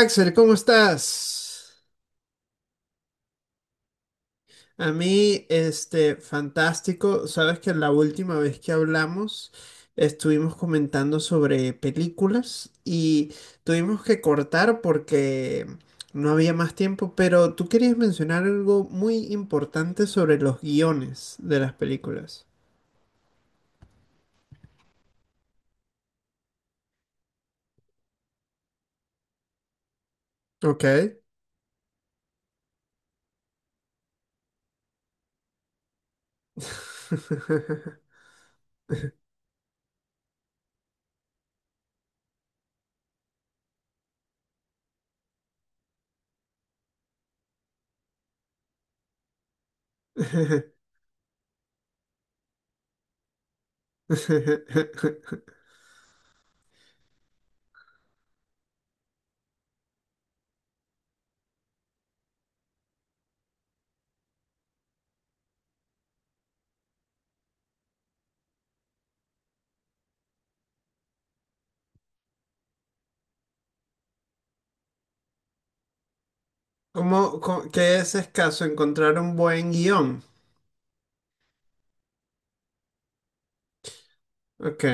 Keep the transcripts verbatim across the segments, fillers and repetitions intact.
Axel, ¿cómo estás? A mí, este, fantástico. Sabes que la última vez que hablamos estuvimos comentando sobre películas y tuvimos que cortar porque no había más tiempo, pero tú querías mencionar algo muy importante sobre los guiones de las películas. Ok. ¿Cómo, cómo- qué es escaso encontrar un buen guión? Ok.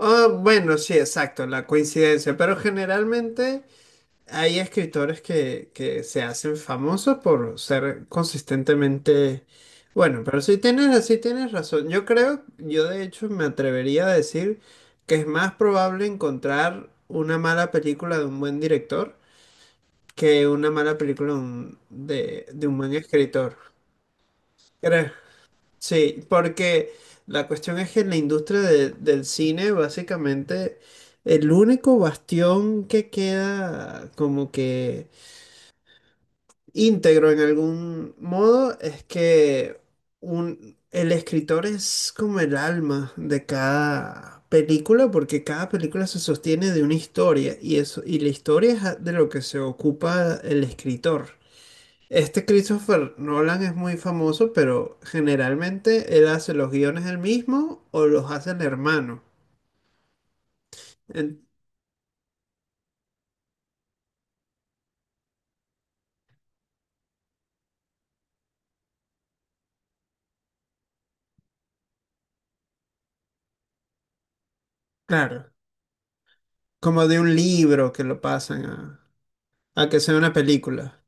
Ah, bueno, sí, exacto, la coincidencia, pero generalmente hay escritores que, que se hacen famosos por ser consistentemente. Bueno, pero si tienes, sí tienes razón. Yo creo, yo de hecho me atrevería a decir que es más probable encontrar una mala película de un buen director que una mala película de un- de, de un buen escritor. ¿Crees? Sí, porque la cuestión es que en la industria de- del cine, básicamente, el único bastión que queda como que íntegro en algún modo es que un, el escritor es como el alma de cada película, porque cada película se sostiene de una historia y eso, y la historia es a- de lo que se ocupa el escritor. Este Christopher Nolan es muy famoso, pero generalmente él hace los guiones él mismo o los hace el hermano. En- claro, como de un libro que lo pasan a, a, que sea una película.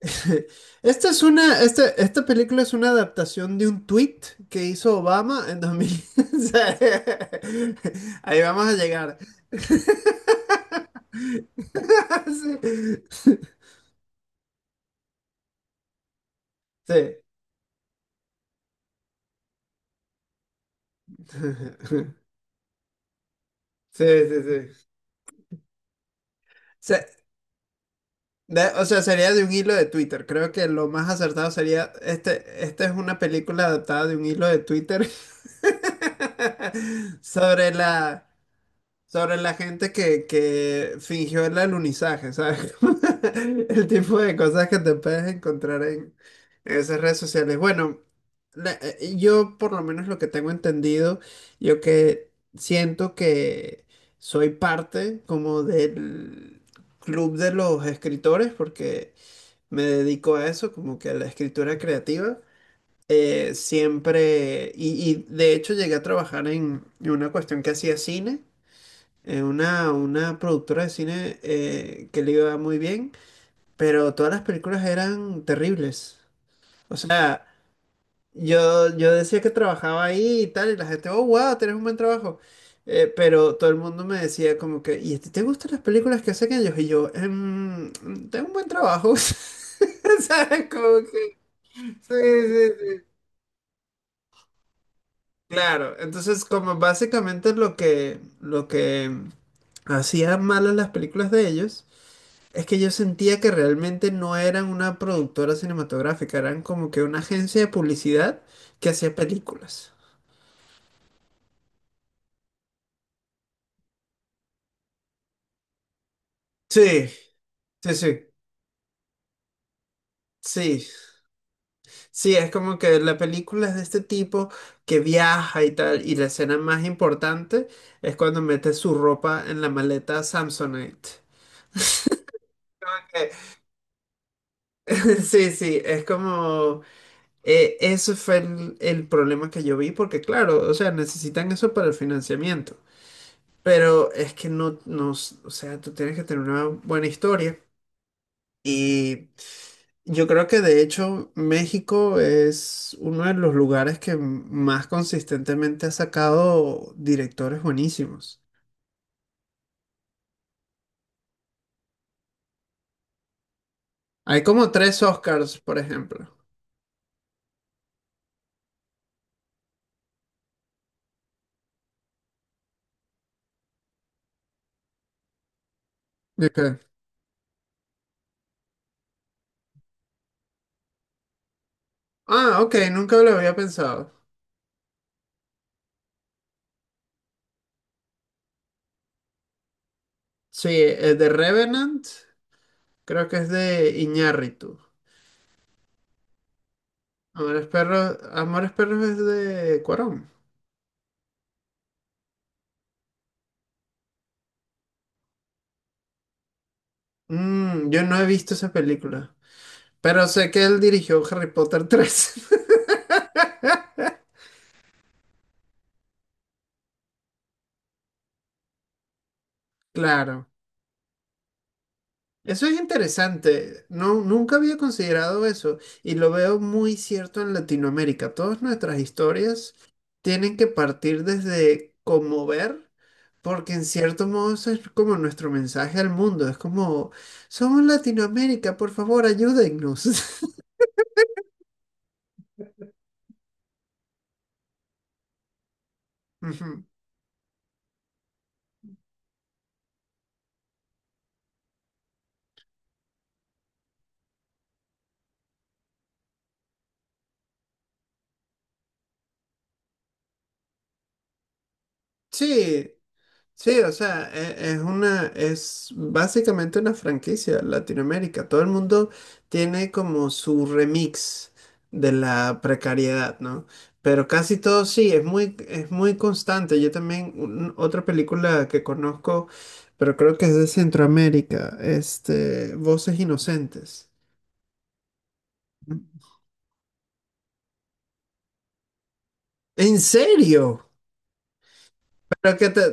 Esta es una, esta, esta película es una adaptación de un tweet que hizo Obama en dos mil. O sea, ahí vamos a llegar. Sí. Sí. Sí, sí, sí. O sea, De- o sea, sería de un hilo de Twitter. Creo que lo más acertado sería, este, esta es una película adaptada de un hilo de Twitter sobre la, sobre la gente que, que fingió el alunizaje, ¿sabes? El tipo de cosas que te puedes encontrar en, en esas redes sociales. Bueno, la- eh, yo por lo menos lo que tengo entendido, yo que siento que soy parte como del club de los escritores, porque me dedico a eso, como que a la escritura creativa. eh, siempre, y, y de hecho llegué a trabajar en en una cuestión que hacía cine, eh, una, una productora de cine eh, que le iba muy bien, pero todas las películas eran terribles. O sea, yo, yo decía que trabajaba ahí y tal, y la gente, oh, wow, tenés un buen trabajo. Eh, pero todo el mundo me decía como que, ¿y a ti te gustan las películas que hacen ellos? Y yo, "Em, tengo un buen trabajo. ¿Sabes? Como que. Sí, sí, sí. Claro, entonces como básicamente lo que, lo que hacían malas las películas de ellos es que yo sentía que realmente no eran una productora cinematográfica, eran como que una agencia de publicidad que hacía películas. Sí, sí, sí, sí, sí, es como que la película es de este tipo que viaja y tal, y la escena más importante es cuando mete su ropa en la maleta Samsonite. Eh, Sí, sí, es como. Eh, eso fue el, el problema que yo vi, porque claro, o sea, necesitan eso para el financiamiento. Pero es que no, no, s- o sea, tú tienes que tener una buena historia. Y yo creo que de hecho México es uno de los lugares que m- más consistentemente ha sacado directores buenísimos. Hay como tres Oscars, por ejemplo. ¿De qué? Ah, ok, nunca lo había pensado. Sí, el de Revenant, creo que es de Iñárritu. Amores Perros, Amores Perros es de Cuarón. Mm, yo no he visto esa película. Pero sé que él dirigió Harry Potter tres. Claro. Eso es interesante. No, nunca había considerado eso y lo veo muy cierto en Latinoamérica. Todas nuestras historias tienen que partir desde conmover, porque en cierto modo eso es como nuestro mensaje al mundo. Es como, somos Latinoamérica, por favor, ayúdennos. Ujú. Sí, sí, o sea, e- es una, es básicamente una franquicia Latinoamérica. Todo el mundo tiene como su remix de la precariedad, ¿no? Pero casi todo sí, es muy, es muy constante. Yo también, un- otra película que conozco, pero creo que es de Centroamérica, este, Voces Inocentes. ¿En serio? Pero que te.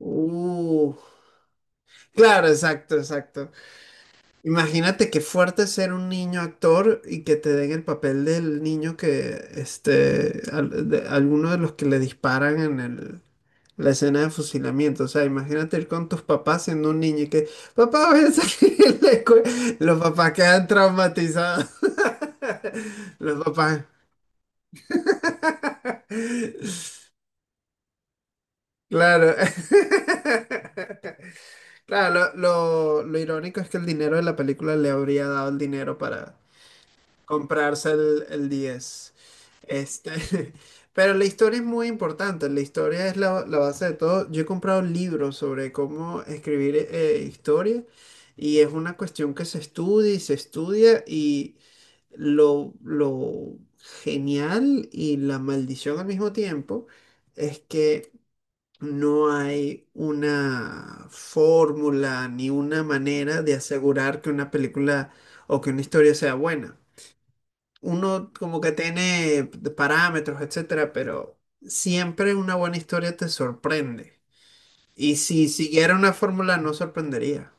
Uh, claro, exacto, exacto. Imagínate qué fuerte ser un niño actor y que te den el papel del niño que, este, al- de- alguno de los que le disparan en el, la escena de fusilamiento. O sea, imagínate ir con tus papás siendo un niño y que, papá, voy a salir de la escuela". Los papás quedan traumatizados. Los papás. Claro. Claro, lo, lo- lo irónico es que el dinero de la película le habría dado el dinero para comprarse el, el diez. Este, pero la historia es muy importante, la historia es la, la base de todo. Yo he comprado libros sobre cómo escribir eh, historia y es una cuestión que se estudia y se estudia y lo, lo genial y la maldición al mismo tiempo es que no hay una fórmula ni una manera de asegurar que una película o que una historia sea buena. Uno como que tiene parámetros, etcétera, pero siempre una buena historia te sorprende. Y si siguiera una fórmula, no sorprendería.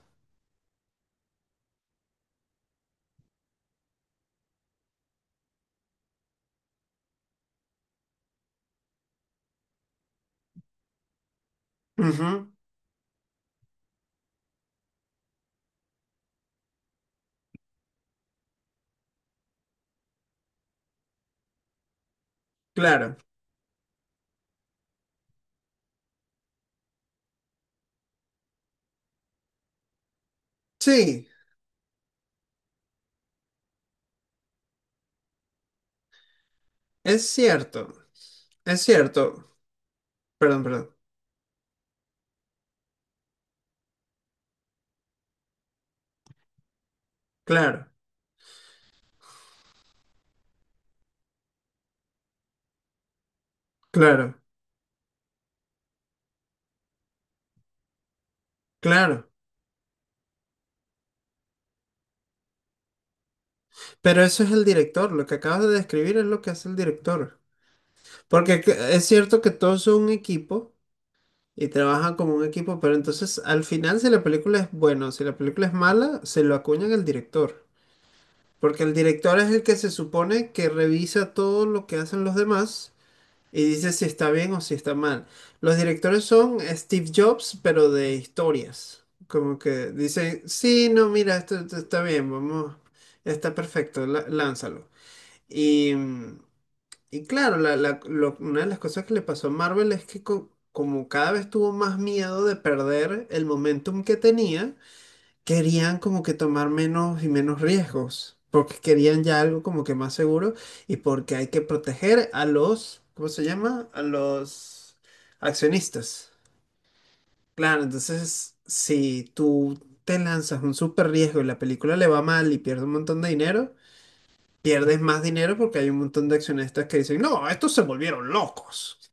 Ujú, claro. Sí, es cierto. Es cierto. Perdón, perdón. Claro, claro, claro. Pero eso es el director. Lo que acabas de describir es lo que hace el director. Porque que- es cierto que todos son un equipo y trabajan como un equipo, pero entonces al final si la película es buena o si la película es mala, se lo acuñan al director. Porque el director es el que se supone que revisa todo lo que hacen los demás y dice si está bien o si está mal. Los directores son Steve Jobs, pero de historias. Como que dicen, sí, no, mira, esto, esto está bien, vamos, está perfecto, la- lánzalo. Y, mm, y claro, la- la- lo- una de las cosas que le pasó a Marvel es que co- como cada vez tuvo más miedo de perder el momentum que tenía, querían como que tomar menos y menos riesgos, porque querían ya algo como que más seguro y porque hay que proteger a los, ¿cómo se llama? A los accionistas. Claro, entonces si tú te lanzas un súper riesgo y la película le va mal y pierdes un montón de dinero, pierdes más dinero porque hay un montón de accionistas que dicen, no, estos se volvieron locos.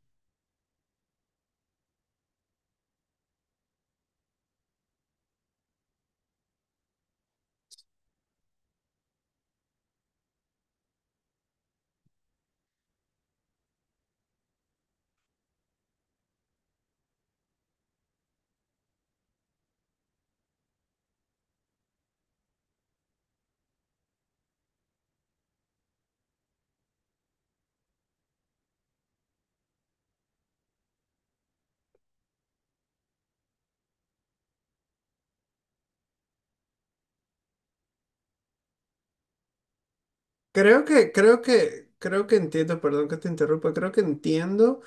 Creo que, creo que, creo que entiendo, perdón que te interrumpa, creo que entiendo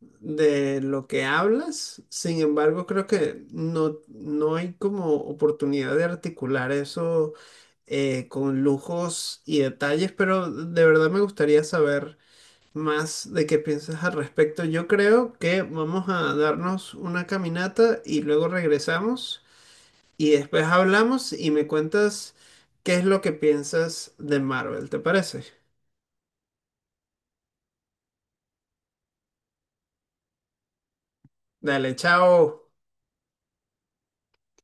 de lo que hablas, sin embargo, creo que no, no hay como oportunidad de articular eso eh, con lujos y detalles, pero de verdad me gustaría saber más de qué piensas al respecto. Yo creo que vamos a darnos una caminata y luego regresamos y después hablamos y me cuentas qué es lo que piensas de Marvel, ¿te parece? Dale, chao.